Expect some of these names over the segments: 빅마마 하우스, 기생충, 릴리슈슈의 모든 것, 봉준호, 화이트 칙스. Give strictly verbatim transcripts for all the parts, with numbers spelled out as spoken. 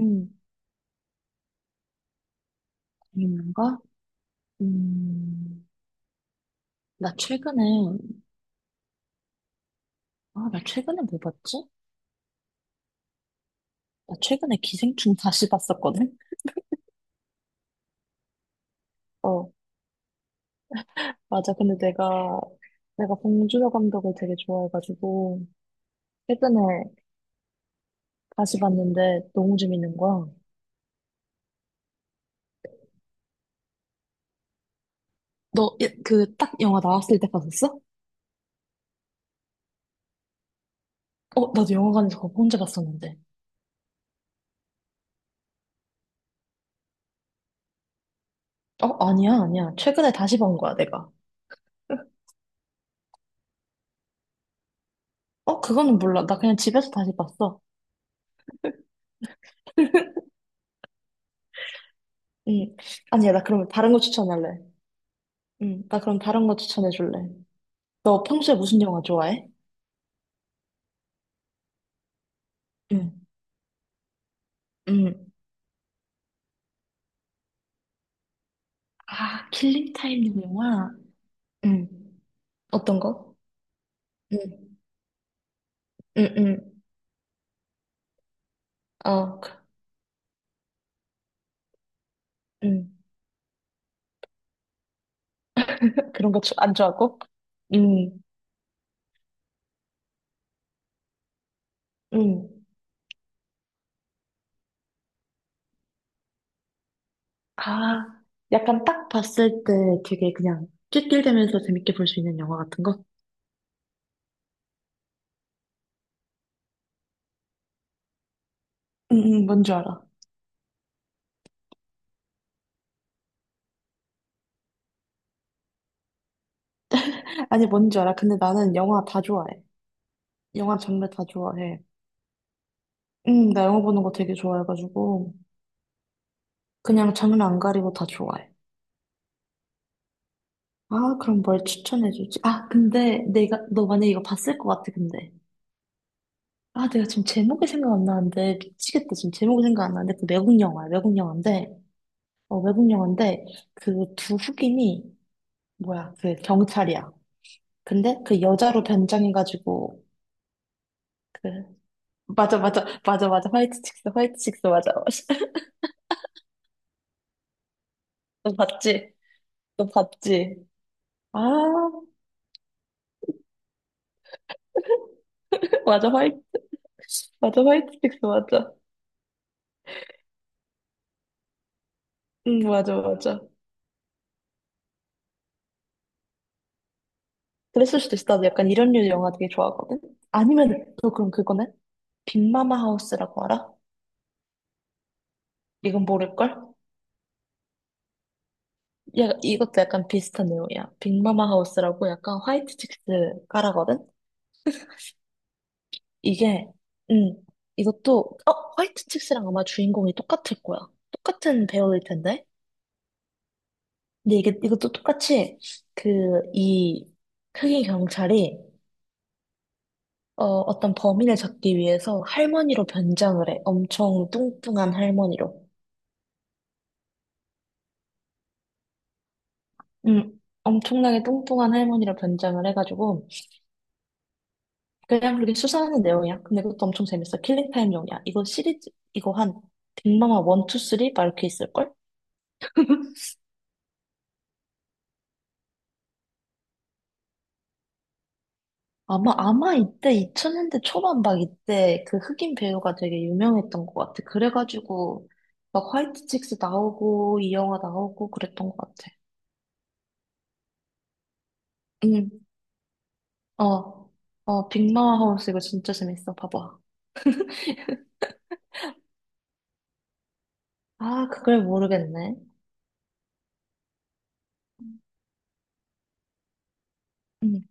음, 재밌는 거? 음, 나 최근에, 아, 나 최근에 뭐 봤지? 나 최근에 기생충 다시 봤었거든? 어, 맞아. 근데 내가, 내가 봉준호 감독을 되게 좋아해가지고, 최근에 다시 봤는데 너무 재밌는 거야. 너, 예, 그, 딱 영화 나왔을 때 봤었어? 어, 나도 영화관에서 그거 혼자 봤었는데. 어, 아니야, 아니야. 최근에 다시 본 거야, 내가. 어, 그거는 몰라. 나 그냥 집에서 다시 봤어. 응. 아니야, 나 그러면 다른 거 추천할래. 응, 나 그럼 다른 거 추천해 줄래? 너 평소에 무슨 영화 좋아해? 응, 응. 아, 킬링 타임 영화? 응. 어떤 거? 응. 응응. 어, 그, 응. 그런 거 안 좋아하고? 응. 응. 아, 약간 딱 봤을 때 되게 그냥 낄낄대면서 재밌게 볼 수 있는 영화 같은 거? 응, 응, 뭔지 알아. 아니, 뭔지 알아. 근데 나는 영화 다 좋아해. 영화 장르 다 좋아해. 응, 나 영화 보는 거 되게 좋아해가지고, 그냥 장르 안 가리고 다 좋아해. 아, 그럼 뭘 추천해주지? 아, 근데 내가, 너 만약에 이거 봤을 것 같아, 근데. 아, 내가 지금 제목이 생각 안 나는데, 미치겠다. 지금 제목이 생각 안 나는데, 그 외국 영화야, 외국 영화인데, 어, 외국 영화인데, 그 두 흑인이, 뭐야, 그 경찰이야. 근데 그 여자로 변장해가지고, 그, 맞아, 맞아, 맞아, 맞아. 화이트 칙스, 화이트 칙스, 맞아. 너 봤지? 너 봤지? 아, 맞아, 화이트, 맞아, 화이트 칙스, 맞아. 응, 맞아, 맞아. 그랬을 수도 있어. 나도 약간 이런 류 영화 되게 좋아하거든. 아니면 또 그럼 그거네? 빅마마 하우스라고 알아? 이건 모를걸? 야, 이것도 약간 비슷한 내용이야. 빅마마 하우스라고 약간 화이트 칙스 깔아거든? 이게, 음, 이것도, 어, 화이트 칙스랑 아마 주인공이 똑같을 거야. 똑같은 배우일 텐데? 근데 이게, 이것도 똑같이, 그, 이, 흑인 경찰이, 어, 어떤 범인을 잡기 위해서 할머니로 변장을 해. 엄청 뚱뚱한 할머니로. 음, 엄청나게 뚱뚱한 할머니로 변장을 해가지고 그냥 그렇게 수사하는 내용이야. 근데 그것도 엄청 재밌어. 킬링타임용이야. 이거 시리즈 이거 한 빅마마 일, 이, 삼? 막 이렇게 있을걸? 아마 아마 이때 이천 년대 초반 막 이때 그 흑인 배우가 되게 유명했던 것 같아. 그래가지고 막 화이트 칙스 나오고 이 영화 나오고 그랬던 것 같아. 응, 어, 어, 빅마마 하우스 이거 진짜 재밌어. 봐봐. 아, 그걸 모르겠네. 응,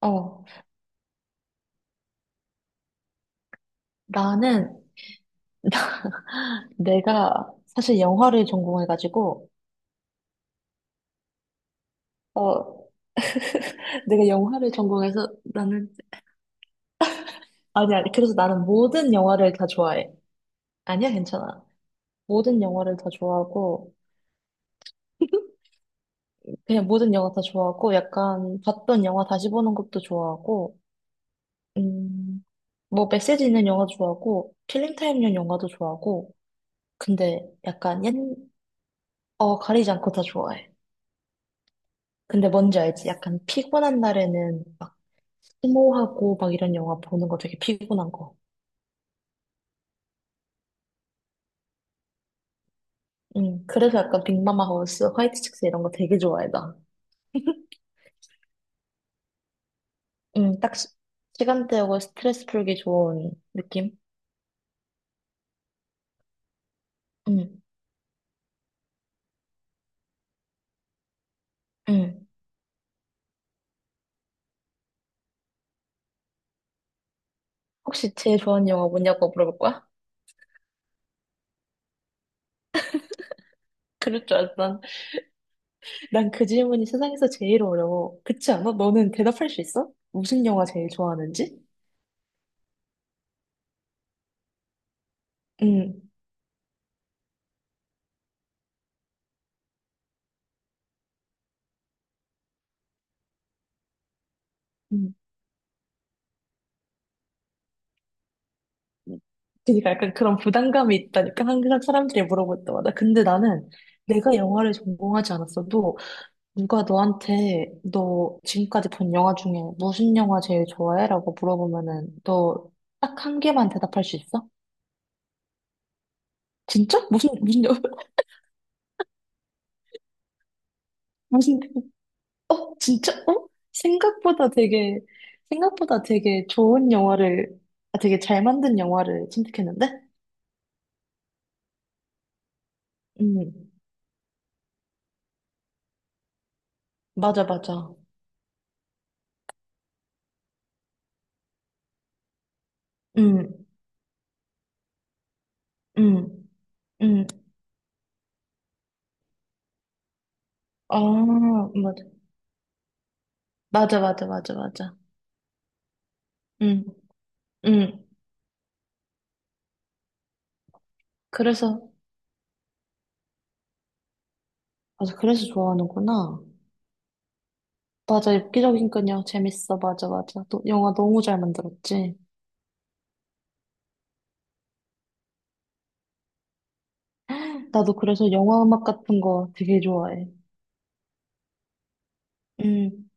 어, 나는 내가 사실 영화를 전공해가지고, 어, 내가 영화를 전공해서 나는, 아니, 아니, 그래서 나는 모든 영화를 다 좋아해. 아니야, 괜찮아. 모든 영화를 다 좋아하고, 그냥 모든 영화 다 좋아하고, 약간 봤던 영화 다시 보는 것도 좋아하고, 음, 뭐 메시지 있는 영화도 좋아하고, 킬링타임용 영화도 좋아하고, 근데 약간 옛, 어, 가리지 않고 다 좋아해. 근데 뭔지 알지? 약간 피곤한 날에는 막 스모하고 막 이런 영화 보는 거 되게 피곤한 거. 음, 그래서 약간 빅마마 하우스, 화이트 칙스 이런 거 되게 좋아해, 나. 음, 딱 시, 간대하고 스트레스 풀기 좋은 느낌? 음. 음. 혹시 제일 좋아하는 영화 뭐냐고 물어볼 거야? 그럴 줄 알았던. 난그 질문이 세상에서 제일 어려워. 그렇지 않아? 너는 대답할 수 있어? 무슨 영화 제일 좋아하는지? 응. 음. 음. 그러니까 약간 그런 부담감이 있다니까 항상 사람들이 물어볼 때마다. 근데 나는 내가 영화를 전공하지 않았어도 누가 너한테 너 지금까지 본 영화 중에 무슨 영화 제일 좋아해? 라고 물어보면은 너 딱 한 개만 대답할 수 있어? 진짜? 무슨 무슨 영화? 무슨 어? 진짜? 어? 생각보다 되게 생각보다 되게 좋은 영화를, 아, 되게 잘 만든 영화를 선택했는데? 음. 맞아, 맞아. 음음음아 맞아, 맞아, 맞아, 맞아, 맞아. 음. 음. 그래서, 맞아, 그래서 좋아하는구나. 맞아, 엽기적이니까요. 재밌어. 맞아, 맞아. 너, 영화 너무 잘 만들었지? 나도 그래서 영화 음악 같은 거 되게 좋아해. 음,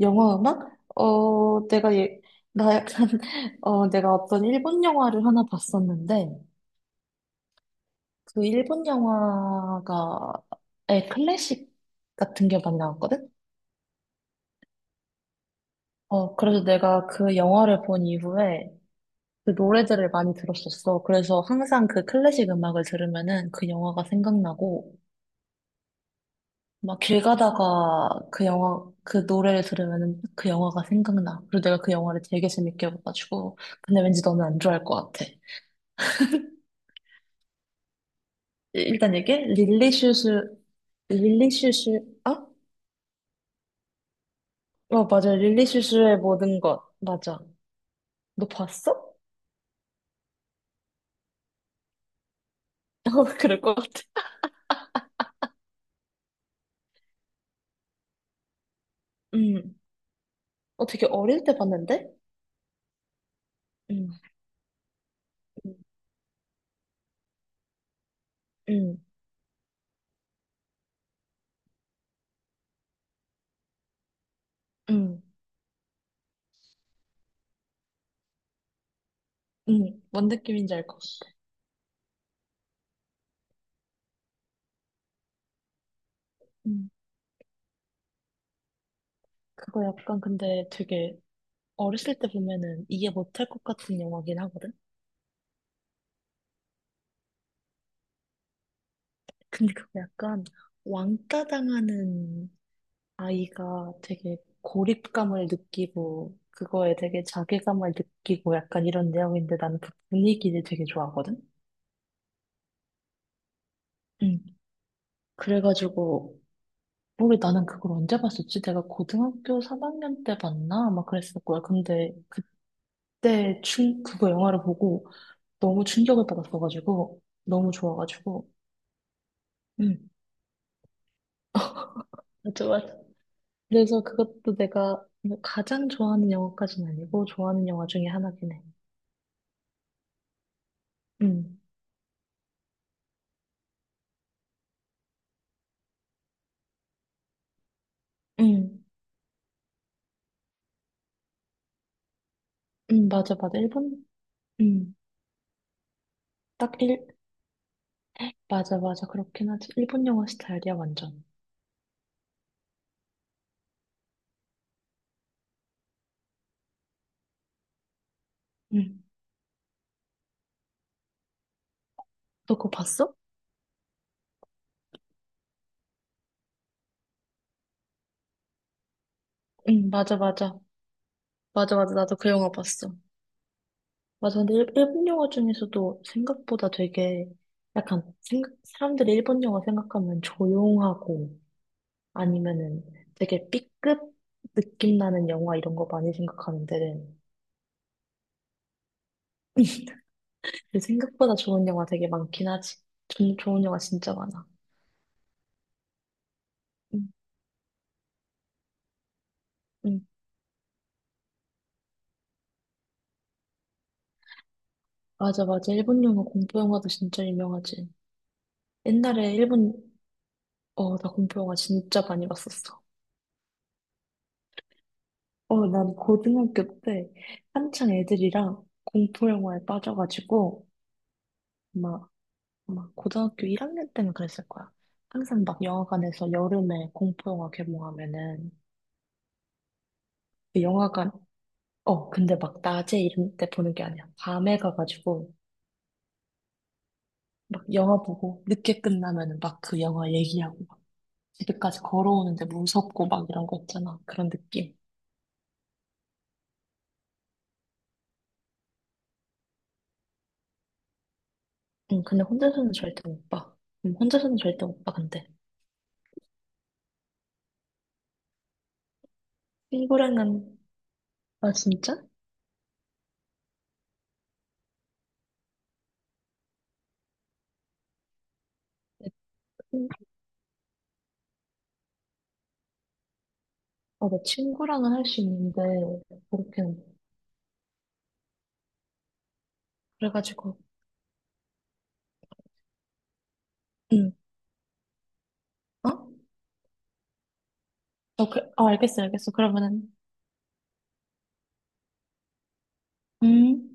영화 음악? 어, 내가 예, 나 약간, 어, 내가 어떤 일본 영화를 하나 봤었는데, 그 일본 영화가의 클래식 같은 게 많이 나왔거든? 어, 그래서 내가 그 영화를 본 이후에 그 노래들을 많이 들었었어. 그래서 항상 그 클래식 음악을 들으면은 그 영화가 생각나고, 막 길 가다가 그 영화, 그 노래를 들으면 그 영화가 생각나. 그리고 내가 그 영화를 되게 재밌게 봐가지고. 근데 왠지 너는 안 좋아할 것 같아. 일단 이게 릴리슈슈, 릴리슈슈, 아? 어, 어, 맞아. 릴리슈슈의 모든 것. 맞아. 너 봤어? 어, 그럴 것 같아. 음. 어, 되게 어릴 때 봤는데? 음. 음. 음. 음. 음. 뭔 느낌인지 알 것 같아. 음. 그거 약간 근데 되게 어렸을 때 보면은 이해 못할 것 같은 영화긴 하거든? 근데 그거 약간 왕따 당하는 아이가 되게 고립감을 느끼고 그거에 되게 자괴감을 느끼고 약간 이런 내용인데 나는 그 분위기를 되게 좋아하거든? 응. 그래가지고 모르 나는 그걸 언제 봤었지? 내가 고등학교 삼 학년 때 봤나? 아마 그랬을 거야. 근데 그때 충 그거 영화를 보고 너무 충격을 받았어가지고 너무 좋아가지고. 응. 맞아, 맞아. 그래서 그것도 내가 뭐 가장 좋아하는 영화까지는 아니고 좋아하는 영화 중에 하나긴 해. 응, 응, 응, 맞아, 맞아. 일본, 응, 딱 일, 맞아, 맞아. 그렇긴 하지. 일본 영화 스타일이야, 완전. 응. 너 그거 봤어? 응, 맞아, 맞아. 맞아, 맞아. 나도 그 영화 봤어. 맞아. 근데 일, 본 영화 중에서도 생각보다 되게 약간 생각, 사람들이 일본 영화 생각하면 조용하고 아니면은 되게 B급 느낌 나는 영화 이런 거 많이 생각하는데 근데 생각보다 좋은 영화 되게 많긴 하지. 좀 좋은 영화 진짜 많아. 응, 응. 맞아, 맞아. 일본 영화, 공포 영화도 진짜 유명하지. 옛날에 일본, 어, 나 공포 영화 진짜 많이 봤었어. 어, 난 고등학교 때 한창 애들이랑 공포 영화에 빠져가지고, 막, 막 고등학교 일 학년 때는 그랬을 거야. 항상 막 영화관에서 여름에 공포 영화 개봉하면은, 그 영화관, 어, 근데 막 낮에 이런 때 보는 게 아니야. 밤에 가가지고 막 영화 보고 늦게 끝나면은 막 그 영화 얘기하고 막 집에까지 걸어오는데 무섭고 막 이런 거 있잖아. 그런 느낌. 응, 근데 혼자서는 절대 못 봐. 응, 혼자서는 절대 못 봐, 근데. 친구랑은, 아, 진짜? 응. 아, 나 친구랑은 할 수 있는데, 그렇게는. 못 봐. 그래가지고, 응, 어? 어, 그, 어, 알겠어, 알겠어. 그러면은, 음.